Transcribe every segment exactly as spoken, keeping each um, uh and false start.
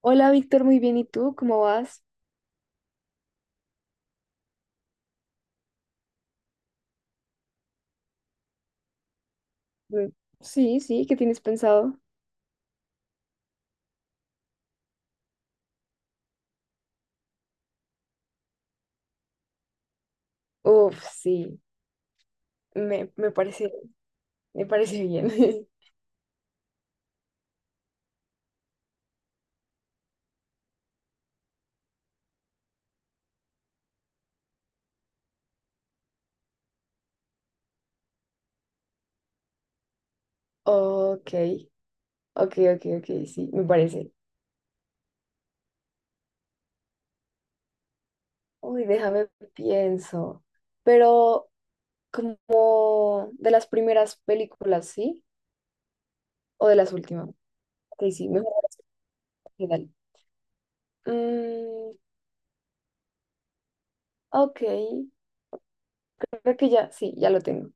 Hola Víctor, muy bien. ¿Y tú? ¿Cómo vas? Mm, Sí, sí, ¿qué tienes pensado? Uf, sí, me, me parece, me parece bien. Ok, ok, ok, ok, sí, me parece. Uy, déjame pienso. Pero como de las primeras películas, ¿sí? ¿O de las últimas? Ok, sí, mejor que dale. Mm, ok, creo que ya, sí, ya lo tengo.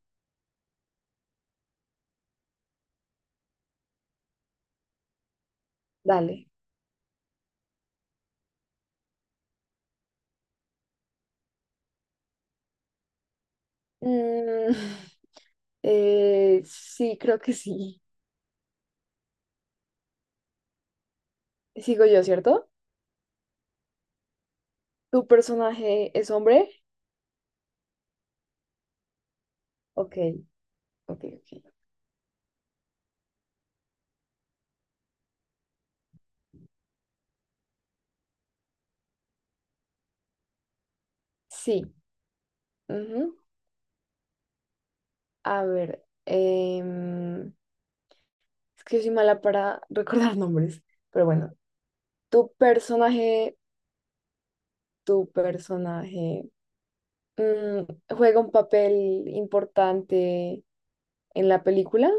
Dale. Mm, eh, sí, creo que sí. Sigo yo, ¿cierto? ¿Tu personaje es hombre? Ok, ok, ok. Sí, ujú. A ver, em, es que yo soy mala para recordar nombres, pero bueno. ¿Tu personaje, tu personaje, mm, juega un papel importante en la película?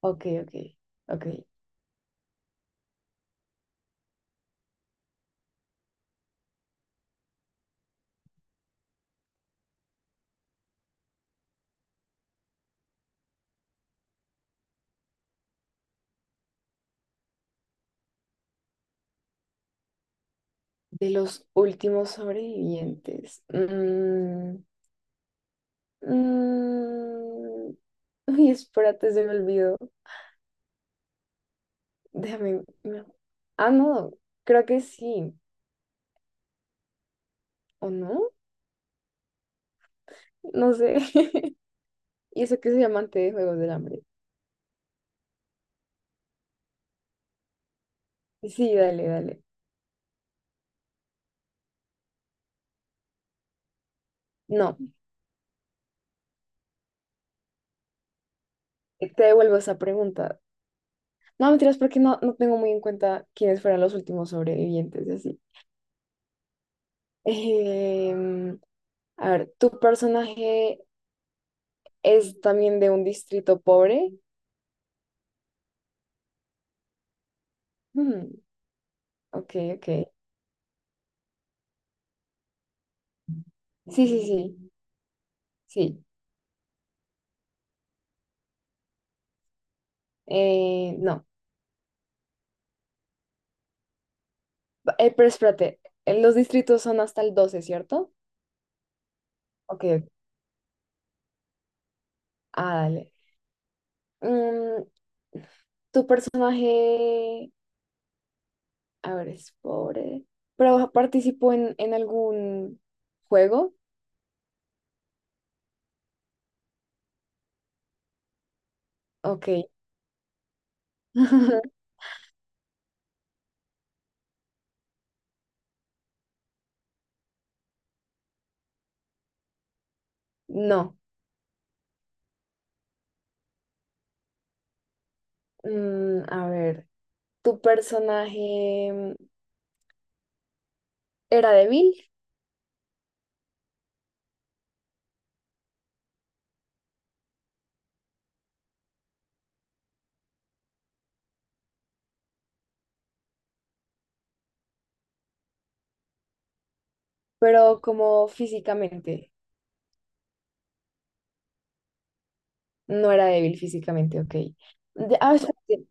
Ok, ok, ok. De los últimos sobrevivientes. Mm, mm, uy, espérate, se me olvidó. Déjame. No. Ah, no, creo que sí. ¿O no? No sé. ¿Y eso que soy amante de Juegos del Hambre? Sí, dale, dale. No, te devuelvo esa pregunta. No, mentiras, porque no, no tengo muy en cuenta quiénes fueron los últimos sobrevivientes y así. Em, a ver, ¿tu personaje es también de un distrito pobre? Hmm, ok, ok. Sí, sí, sí, sí. Eh, no. Eh, pero espérate, eh, los distritos son hasta el doce, ¿cierto? Ok, ok. Ah, dale. Mm, ¿tu personaje, a ver, es pobre, pero participó en, en algún juego? Ok. No. Mm, a ver, ¿tu personaje mm, era débil, pero como físicamente? No era débil físicamente, ok. De- ah, espérate,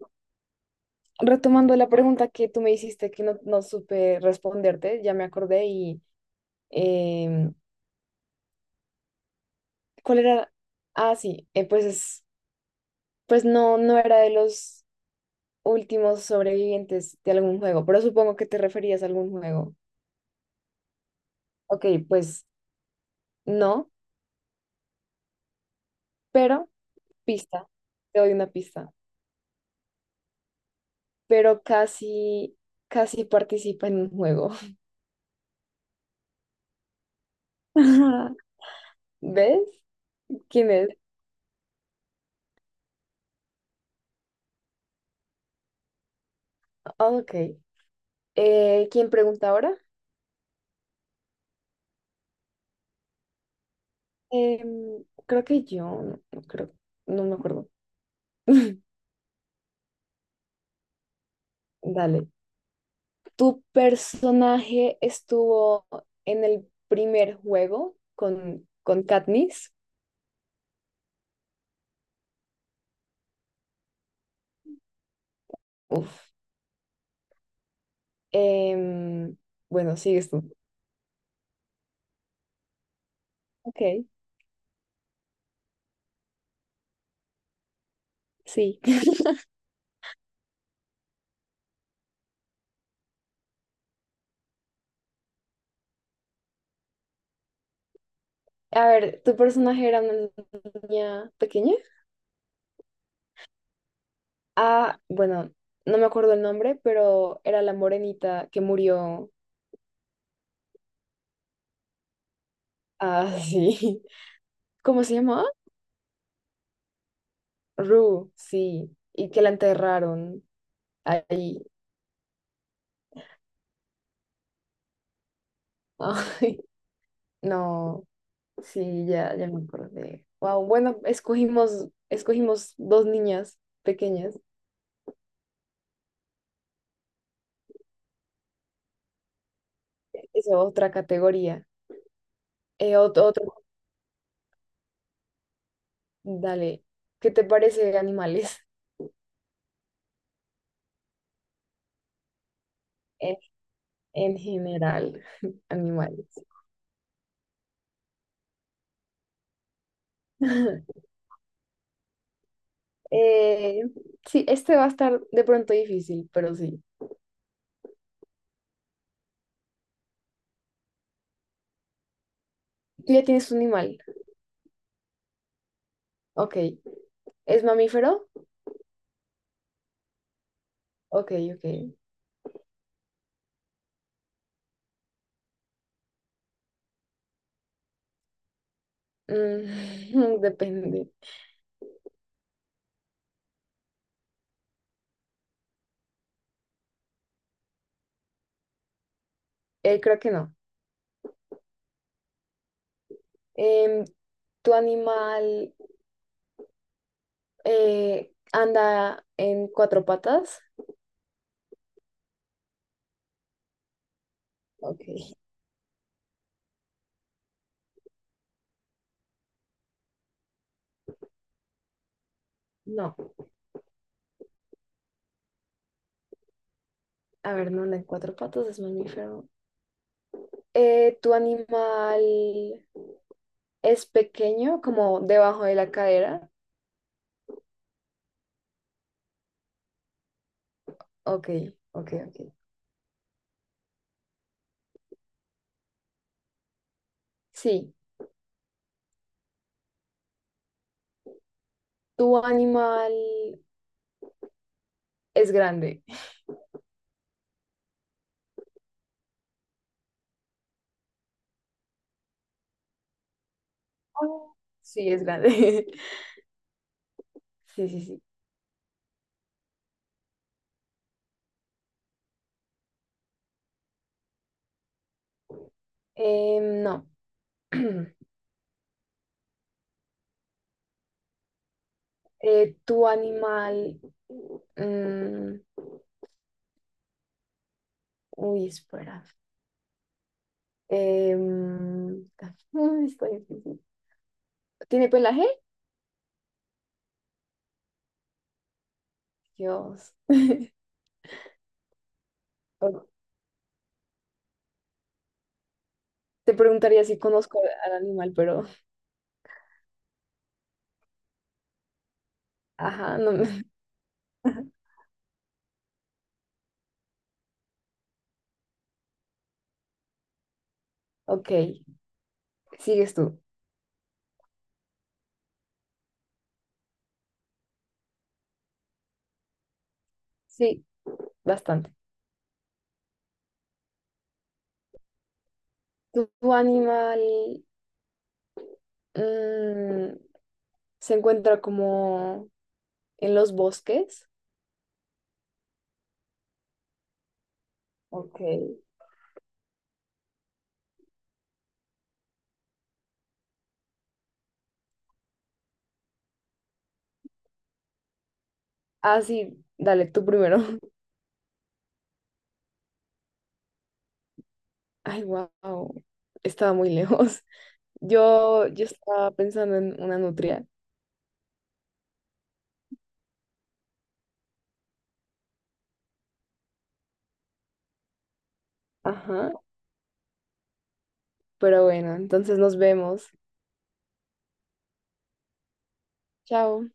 retomando la pregunta que tú me hiciste que no, no supe responderte, ya me acordé y... em, ¿cuál era? Ah, sí, eh, pues, es- pues no, no era de los últimos sobrevivientes de algún juego, pero supongo que te referías a algún juego. Ok, pues no, pero pista, te doy una pista, pero casi, casi participa en un juego. Ajá. ¿Ves? ¿Quién es? Ah, ok. Eh, ¿quién pregunta ahora? Em, creo que yo, no, no creo, no me acuerdo. Dale. ¿Tu personaje estuvo en el primer juego con, con Katniss? Uf. Em, bueno, sigues tú. Ok, sí. A ver, ¿tu personaje era una niña pequeña? Ah, bueno, no me acuerdo el nombre, pero era la morenita que murió. Ah, sí. ¿Cómo se llamaba? Rue, sí. Y que la enterraron ahí. Ay, no. Sí, ya, ya me acordé. Wow, bueno, escogimos, escogimos dos niñas pequeñas. Es otra categoría. Eh, ot- otro, dale. ¿Qué te parece animales? En, en general, animales. Eh, sí, este va a estar de pronto difícil, pero sí. Tú ya tienes un animal. Ok. ¿Es mamífero? Ok, ok. Mm, depende. Eh, creo que no. Em, ¿tu animal Eh, anda en cuatro patas? Ok. No, a ver, no anda en cuatro patas, es mamífero. Eh, ¿tu animal es pequeño, como debajo de la cadera? Ok, ok, ok. Sí. ¿Tu animal es grande? Oh, sí, es grande. Sí, sí, sí. Eh, no. Eh, ¿tu animal... mm, uy, espera. em mm, está difícil. ¿Tiene pelaje? Dios. O- te preguntaría si conozco al animal, pero... Ajá, no me... Ok, sigues tú. Sí, bastante. ¿Tu, tu animal mm, se encuentra como en los bosques? Ok. Ah, sí, dale, tú primero. Ay, wow. Estaba muy lejos. Yo, yo estaba pensando en una nutria. Ajá. Pero bueno, entonces nos vemos. Chao.